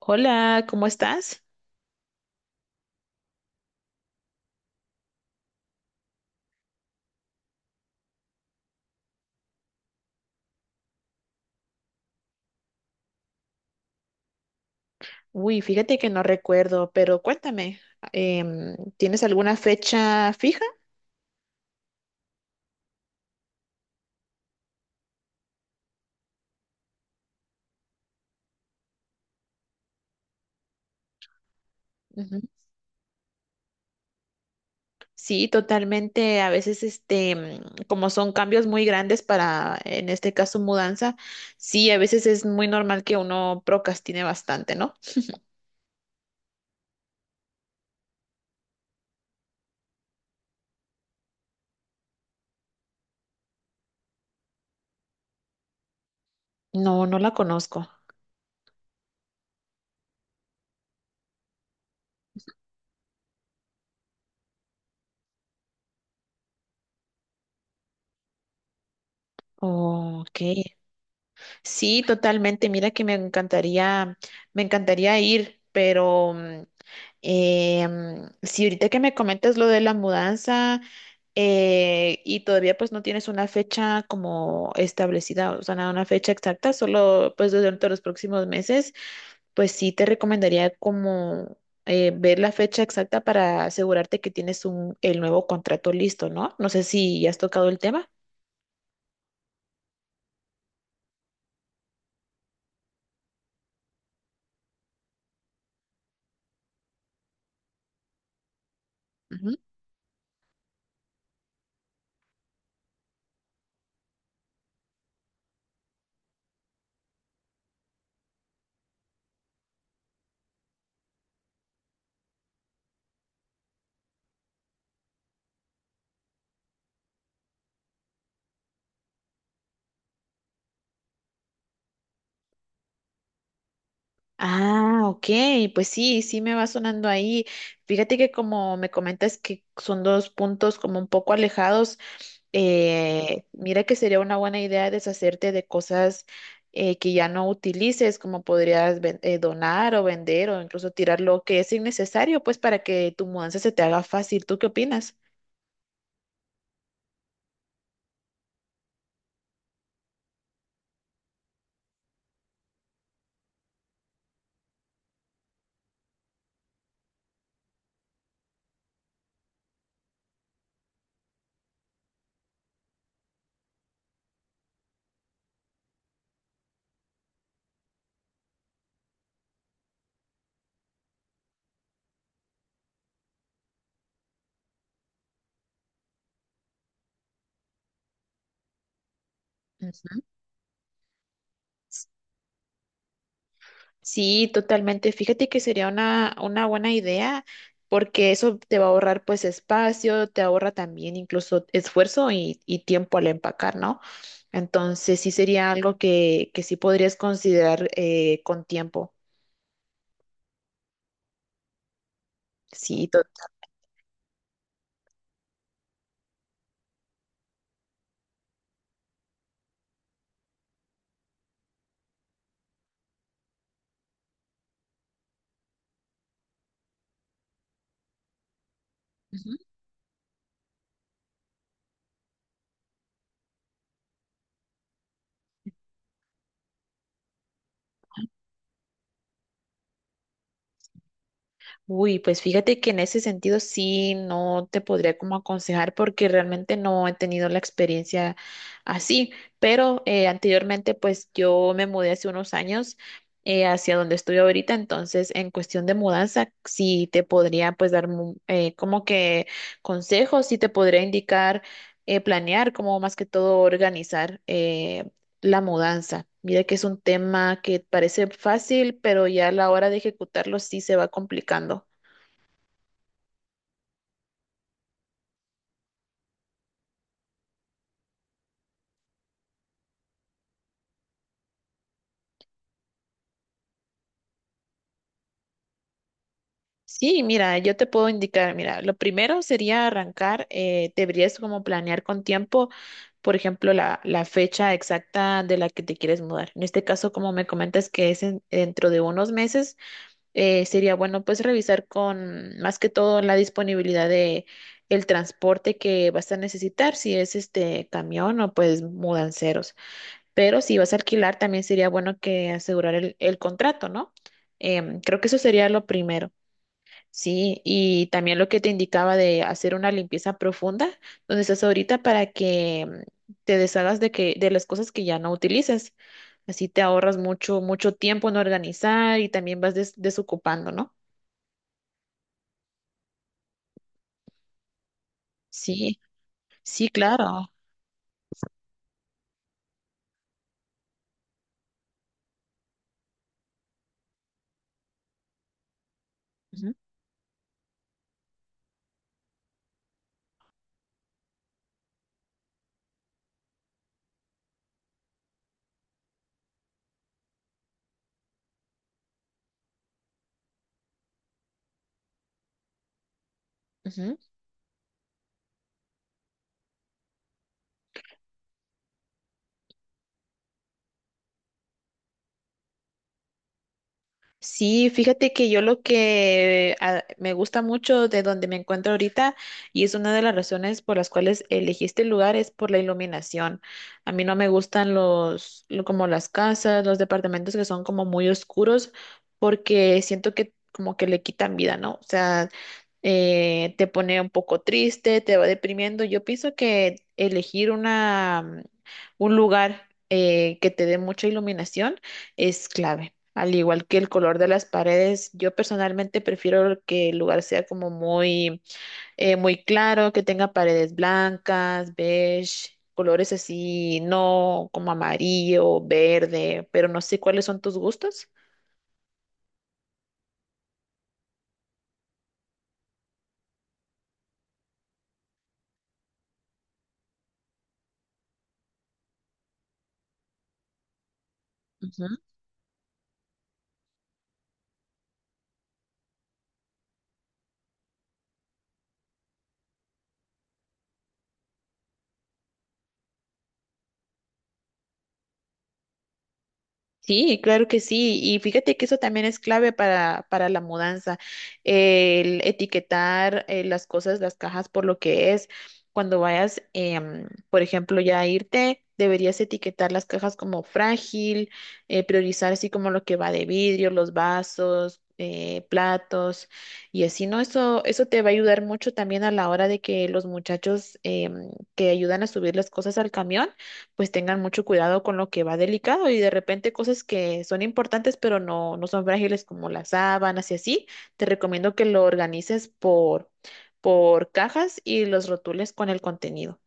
Hola, ¿cómo estás? Uy, fíjate que no recuerdo, pero cuéntame, ¿tienes alguna fecha fija? Ujú. Sí, totalmente. A veces, este, como son cambios muy grandes para, en este caso, mudanza, sí, a veces es muy normal que uno procrastine bastante, ¿no? No, no la conozco. Ok. Sí, totalmente. Mira que me encantaría ir, pero si ahorita que me comentas lo de la mudanza y todavía pues no tienes una fecha como establecida, o sea, nada, una fecha exacta, solo pues durante los próximos meses, pues sí te recomendaría como ver la fecha exacta para asegurarte que tienes un, el nuevo contrato listo, ¿no? No sé si ya has tocado el tema. Ah, ok, pues sí, sí me va sonando ahí. Fíjate que como me comentas que son dos puntos como un poco alejados, mira que sería una buena idea deshacerte de cosas que ya no utilices, como podrías donar o vender o incluso tirar lo que es innecesario, pues para que tu mudanza se te haga fácil. ¿Tú qué opinas? Ujú. Sí, totalmente. Fíjate que sería una buena idea porque eso te va a ahorrar pues espacio, te ahorra también incluso esfuerzo y tiempo al empacar, ¿no? Entonces sí sería algo que sí podrías considerar con tiempo. Sí, total. Uy, pues fíjate que en ese sentido sí no te podría como aconsejar porque realmente no he tenido la experiencia así, pero anteriormente pues yo me mudé hace unos años hacia donde estoy ahorita, entonces en cuestión de mudanza sí te podría pues dar como que consejos, sí te podría indicar planear, como más que todo organizar la mudanza. Mira que es un tema que parece fácil, pero ya a la hora de ejecutarlo sí se va complicando. Sí, mira, yo te puedo indicar, mira, lo primero sería arrancar, deberías como planear con tiempo, por ejemplo, la fecha exacta de la que te quieres mudar. En este caso, como me comentas que es dentro de unos meses, sería bueno pues revisar con más que todo la disponibilidad de el transporte que vas a necesitar, si es este camión o pues mudanceros. Pero si vas a alquilar, también sería bueno que asegurar el contrato, ¿no? Em, creo que eso sería lo primero. Sí, y también lo que te indicaba de hacer una limpieza profunda donde estás ahorita para que te deshagas de que de las cosas que ya no utilices. Así te ahorras mucho mucho tiempo en organizar y también vas desocupando, ¿no? Sí, sí, claro. Ujú, ujú. Sí, fíjate que yo lo que me gusta mucho de donde me encuentro ahorita y es una de las razones por las cuales elegí este lugar es por la iluminación. A mí no me gustan los como las casas, los departamentos que son como muy oscuros porque siento que como que le quitan vida, ¿no? O sea, te pone un poco triste, te va deprimiendo. Yo pienso que elegir una, un lugar que te dé mucha iluminación es clave. Al igual que el color de las paredes, yo personalmente prefiero que el lugar sea como muy, muy claro, que tenga paredes blancas, beige, colores así, no como amarillo, verde, pero no sé cuáles son tus gustos. Sí, claro que sí. Y fíjate que eso también es clave para la mudanza, el etiquetar las cosas, las cajas por lo que es. Cuando vayas, em, por ejemplo, ya a irte, deberías etiquetar las cajas como frágil, priorizar así como lo que va de vidrio, los vasos, platos y así, ¿no? Eso te va a ayudar mucho también a la hora de que los muchachos em, que ayudan a subir las cosas al camión pues tengan mucho cuidado con lo que va delicado y de repente cosas que son importantes pero no, no son frágiles como las sábanas y así, te recomiendo que lo organices por cajas y los rotules con el contenido.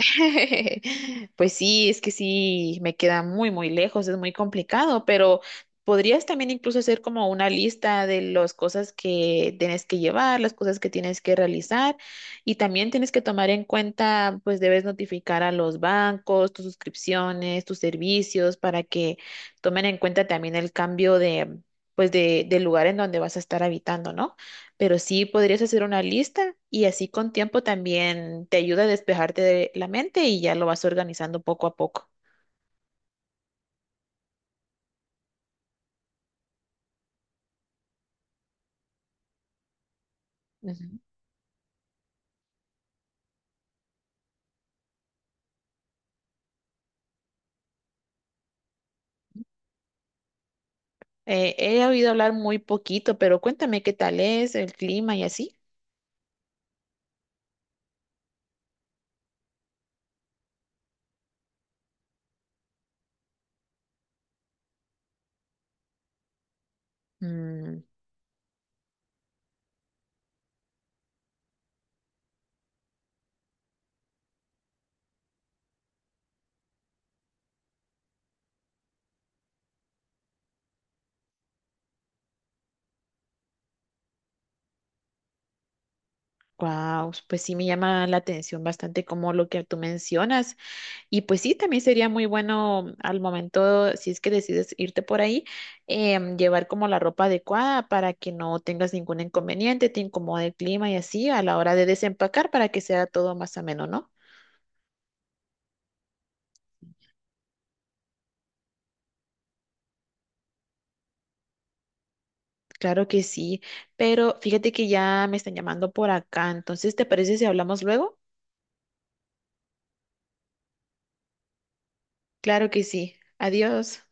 Pues sí, es que sí, me queda muy, muy lejos, es muy complicado, pero podrías también incluso hacer como una lista de las cosas que tienes que llevar, las cosas que tienes que realizar y también tienes que tomar en cuenta, pues debes notificar a los bancos, tus suscripciones, tus servicios para que tomen en cuenta también el cambio de, pues de, del lugar en donde vas a estar habitando, ¿no? Pero sí podrías hacer una lista y así con tiempo también te ayuda a despejarte de la mente y ya lo vas organizando poco a poco. Ujú. He oído hablar muy poquito, pero cuéntame qué tal es el clima y así. Mm, guau, pues sí me llama la atención bastante como lo que tú mencionas. Y pues sí, también sería muy bueno al momento, si es que decides irte por ahí, llevar como la ropa adecuada para que no tengas ningún inconveniente, te incomode el clima y así a la hora de desempacar para que sea todo más ameno, ¿no? Claro que sí, pero fíjate que ya me están llamando por acá, entonces, ¿te parece si hablamos luego? Claro que sí. Adiós.